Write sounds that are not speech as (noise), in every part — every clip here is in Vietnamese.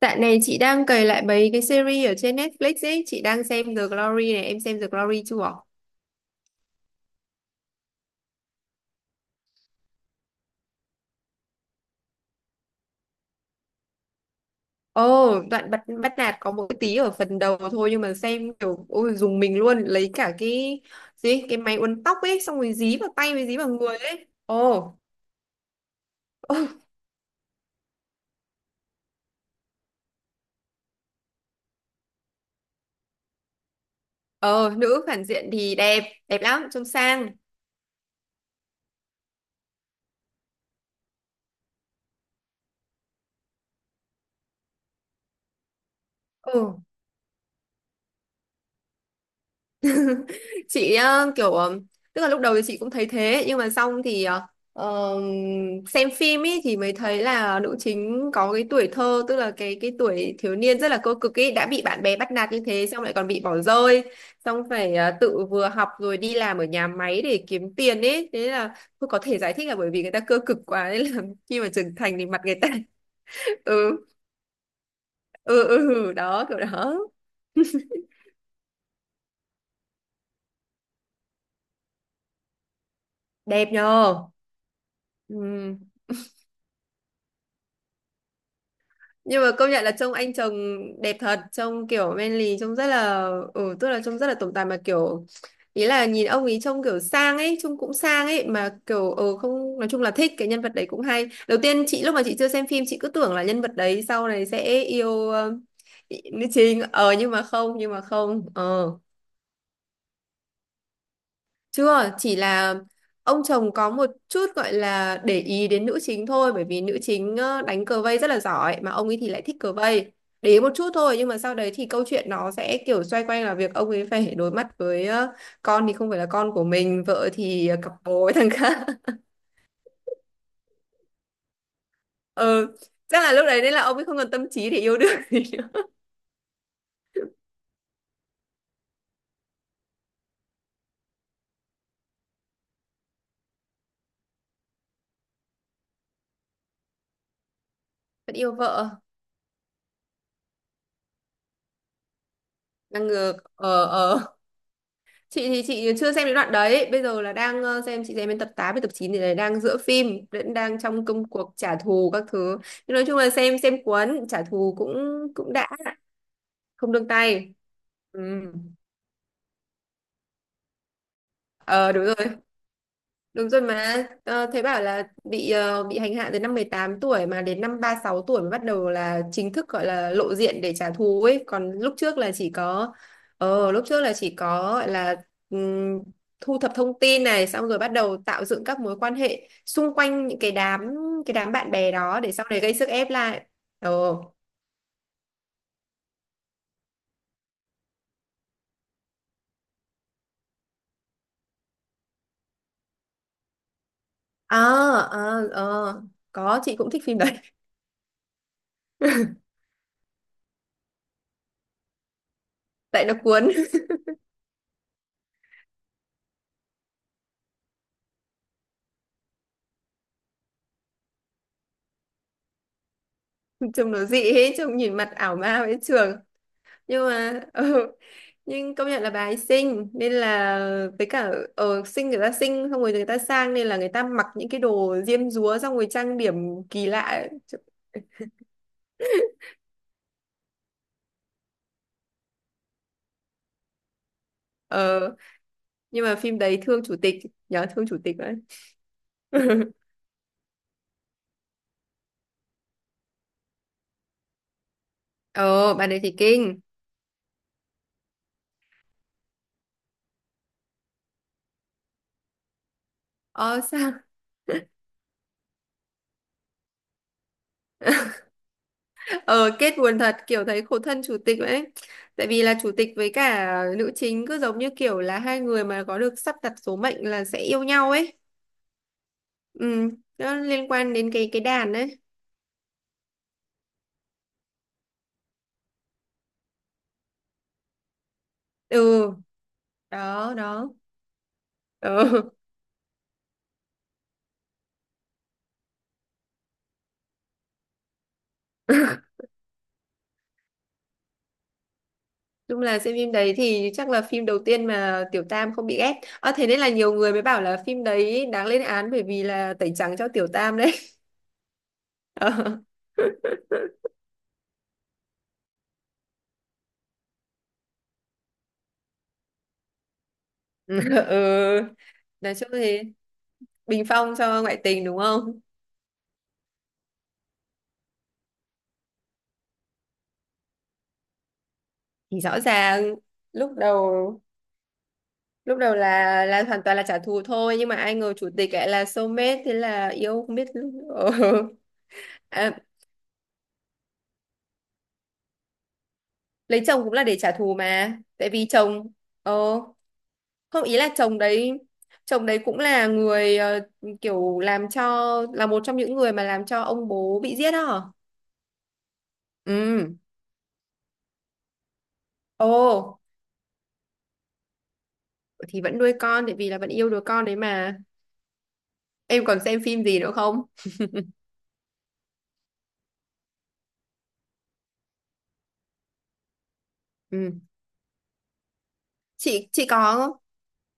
Dạo này chị đang cày lại mấy cái series ở trên Netflix ấy, chị đang xem The Glory này, em xem The Glory chưa? Ồ, đoạn bắt bắt nạt có một cái tí ở phần đầu thôi nhưng mà xem kiểu ôi dùng mình luôn, lấy cả cái gì cái máy uốn tóc ấy xong rồi dí vào tay với dí vào người ấy. Ồ, (laughs) ờ nữ phản diện thì đẹp, đẹp lắm, trông sang. Ừ. Chị kiểu, tức là lúc đầu thì chị cũng thấy thế nhưng mà xong thì ờ, xem phim ý thì mới thấy là nữ chính có cái tuổi thơ tức là cái tuổi thiếu niên rất là cơ cực ý, đã bị bạn bè bắt nạt như thế, xong lại còn bị bỏ rơi, xong phải tự vừa học rồi đi làm ở nhà máy để kiếm tiền ý. Thế là tôi có thể giải thích là bởi vì người ta cơ cực quá nên là (laughs) khi mà trưởng thành thì mặt người ta (laughs) ừ ừ đó, kiểu đó. Đẹp nhờ. Ừ, nhưng mà công nhận là trông anh chồng đẹp thật, trông kiểu men lì, trông rất là ừ, tức là trông rất là tổng tài mà kiểu ý là nhìn ông ấy trông kiểu sang ấy, trông cũng sang ấy mà kiểu ừ không, nói chung là thích cái nhân vật đấy cũng hay. Đầu tiên chị lúc mà chị chưa xem phim, chị cứ tưởng là nhân vật đấy sau này sẽ yêu, nữ chính, nhưng mà không, nhưng mà không ờ Chưa, chỉ là ông chồng có một chút gọi là để ý đến nữ chính thôi, bởi vì nữ chính đánh cờ vây rất là giỏi mà ông ấy thì lại thích cờ vây. Để ý một chút thôi nhưng mà sau đấy thì câu chuyện nó sẽ kiểu xoay quanh là việc ông ấy phải đối mặt với con thì không phải là con của mình, vợ thì cặp bồ với thằng khác. (laughs) Ừ, chắc là lúc đấy nên là ông ấy không còn tâm trí để yêu đương gì nữa. Vẫn yêu vợ, ngang ngược. Ờ ờ. Chị thì chị chưa xem đến đoạn đấy, bây giờ là đang xem, chị xem đến tập 8 với tập 9 thì là đang giữa phim, vẫn đang trong công cuộc trả thù các thứ, nhưng nói chung là xem cuốn, trả thù cũng cũng đã, không nương tay. Ừ. Ờ đúng rồi. Đúng rồi mà thế bảo là bị bị hành hạ từ năm 18 tuổi mà đến năm ba sáu tuổi mới bắt đầu là chính thức gọi là lộ diện để trả thù ấy, còn lúc trước là chỉ có ờ lúc trước là chỉ có gọi là ừm, thu thập thông tin này xong rồi bắt đầu tạo dựng các mối quan hệ xung quanh những cái đám bạn bè đó để sau này gây sức ép lại. Ờ ờ ờ ờ Có, chị cũng thích phim đấy. (laughs) Tại nó cuốn. (laughs) Trông nó dị ấy, trông nhìn mặt ảo ma với trường, nhưng mà (laughs) ừ, nhưng công nhận là bà ấy xinh nên là, với cả ở xinh, người ta xinh xong rồi người ta sang nên là người ta mặc những cái đồ diêm dúa xong rồi trang điểm kỳ lạ ấy. Ờ, nhưng mà phim đấy thương chủ tịch, nhớ thương chủ tịch đấy. (laughs) Ờ bạn ấy thì kinh. Ờ sao? (laughs) Ờ kết buồn thật, kiểu thấy khổ thân chủ tịch đấy, tại vì là chủ tịch với cả nữ chính cứ giống như kiểu là hai người mà có được sắp đặt số mệnh là sẽ yêu nhau ấy. Ừ, nó liên quan đến cái đàn ấy. Ừ, đó đó. Ừ. (laughs) Chung là xem phim đấy thì chắc là phim đầu tiên mà Tiểu Tam không bị ghét, à thế nên là nhiều người mới bảo là phim đấy đáng lên án bởi vì là tẩy trắng cho Tiểu Tam đấy. (laughs) Ờ. (laughs) Ừ, nói chung thì bình phong cho ngoại tình đúng không. Thì rõ ràng lúc đầu lúc đầu là hoàn toàn là trả thù thôi, nhưng mà ai ngờ chủ tịch lại là soulmate, thế là yêu không biết lúc- (laughs) ờ. À, lấy chồng cũng là để trả thù mà, tại vì chồng, ờ không, ý là chồng đấy, chồng đấy cũng là người, kiểu làm cho là một trong những người mà làm cho ông bố bị giết đó hả? Ừ. Ồ thì vẫn nuôi con tại vì là vẫn yêu đứa con đấy mà. Em còn xem phim gì nữa không? Ừ, chị có không,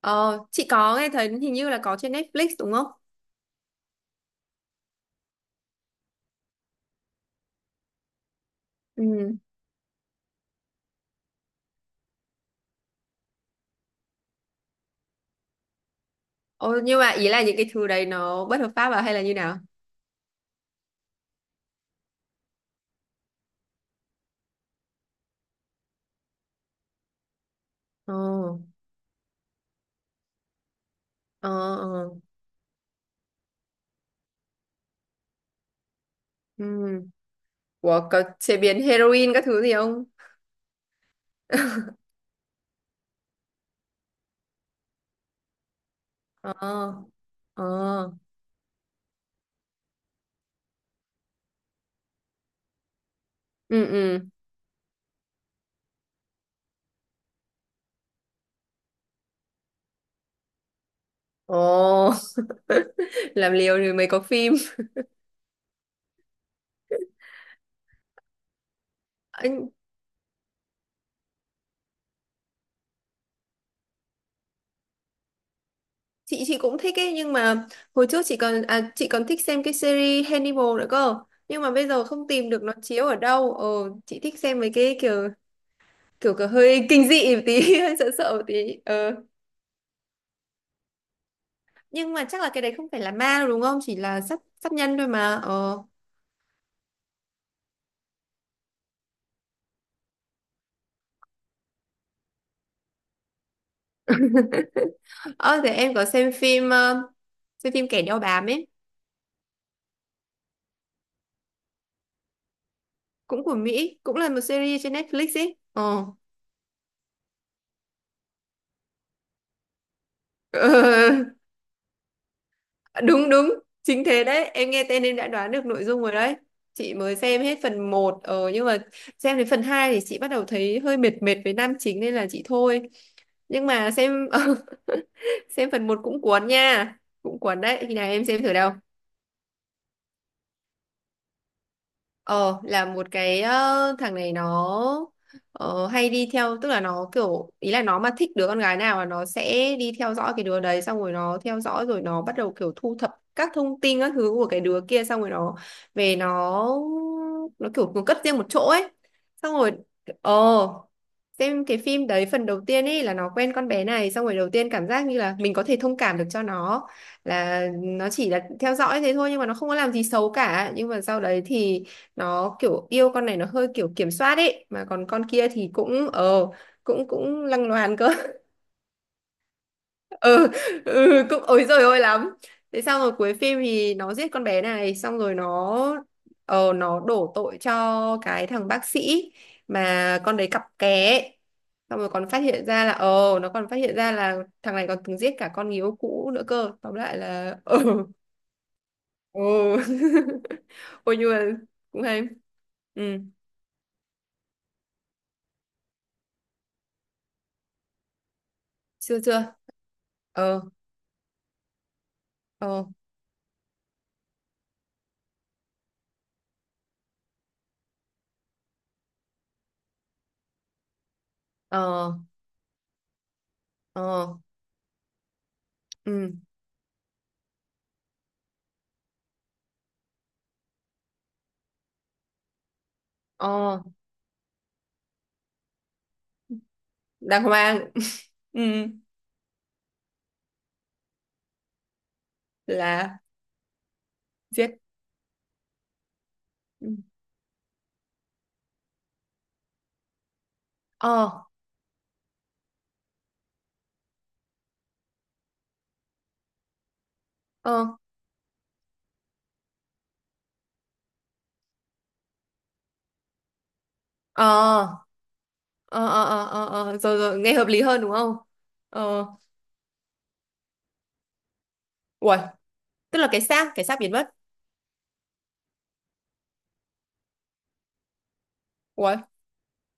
chị có nghe thấy hình như là có trên Netflix đúng không. Ừ. Ồ nhưng mà ý là những cái thứ đấy nó bất hợp pháp à hay là như nào? Ờ ờ ờ ừ Ủa, có chế biến heroin các thứ gì không? (laughs) ờ ờ ừ ừ ồ (laughs) Làm liều rồi mới có phim. Anh, chị cũng thích ấy nhưng mà hồi trước chị còn à, chị còn thích xem cái series Hannibal nữa cơ, nhưng mà bây giờ không tìm được nó chiếu ở đâu. Ờ, chị thích xem mấy cái kiểu kiểu kiểu hơi (laughs) kinh dị một tí, (laughs) hơi sợ sợ một tí. Ờ nhưng mà chắc là cái đấy không phải là ma đâu đúng không, chỉ là sát sát nhân thôi mà. Ờ ờ, thế em có xem phim xem phim kẻ đeo bám ấy, cũng của Mỹ, cũng là một series trên Netflix ấy. Ờ. (laughs) Đúng đúng, chính thế đấy, em nghe tên em đã đoán được nội dung rồi đấy. Chị mới xem hết phần một, ờ nhưng mà xem đến phần 2 thì chị bắt đầu thấy hơi mệt mệt với nam chính nên là chị thôi. Nhưng mà xem (laughs) xem phần một cũng cuốn nha, cũng cuốn đấy, khi nào em xem thử đâu. Ờ là một cái, thằng này nó hay đi theo, tức là nó kiểu ý là nó mà thích đứa con gái nào là nó sẽ đi theo dõi cái đứa đấy, xong rồi nó theo dõi rồi nó bắt đầu kiểu thu thập các thông tin các thứ của cái đứa kia, xong rồi nó về nó kiểu nó cất riêng một chỗ ấy, xong rồi ờ xem cái phim đấy phần đầu tiên ấy là nó quen con bé này, xong rồi đầu tiên cảm giác như là mình có thể thông cảm được cho nó, là nó chỉ là theo dõi thế thôi nhưng mà nó không có làm gì xấu cả, nhưng mà sau đấy thì nó kiểu yêu con này nó hơi kiểu kiểm soát ấy, mà còn con kia thì cũng cũng cũng lăng loàn cơ. (laughs) Ừ, ừ cũng ối giời ơi lắm. Thế xong rồi cuối phim thì nó giết con bé này, xong rồi nó nó đổ tội cho cái thằng bác sĩ mà con đấy cặp ké ấy. Xong rồi còn phát hiện ra là nó còn phát hiện ra là thằng này còn từng giết cả con người yêu cũ nữa cơ, tóm lại là ờ. Ừ. (laughs) Ôi nhưng mà cũng hay. Ừ. Chưa chưa. ờ ờ ờ ờ ừ ờ. Đang hoang. (laughs) Ừ là giết. Ừ. ờ ờ ờ ờ. Rồi rồi, nghe hợp lý hơn đúng không. Ờ. Uầy, tức là cái xác, cái xác biến mất. Uầy.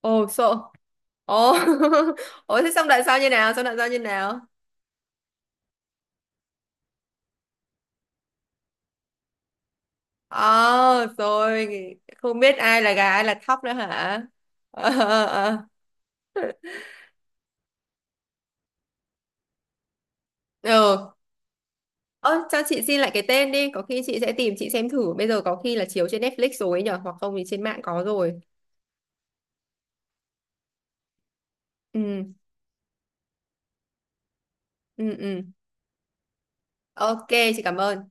Ồ sợ. Ồ (laughs) ồ. Thế xong đoạn sau như nào, xong đoạn sau như nào? Ờ rồi. Không biết ai là gà ai là thóc nữa hả. Ờ. Ừ. Ơ, cho chị xin lại cái tên đi, có khi chị sẽ tìm chị xem thử. Bây giờ có khi là chiếu trên Netflix rồi ấy nhở, hoặc không thì trên mạng có rồi. Ừ, ừ. Ok, chị cảm ơn.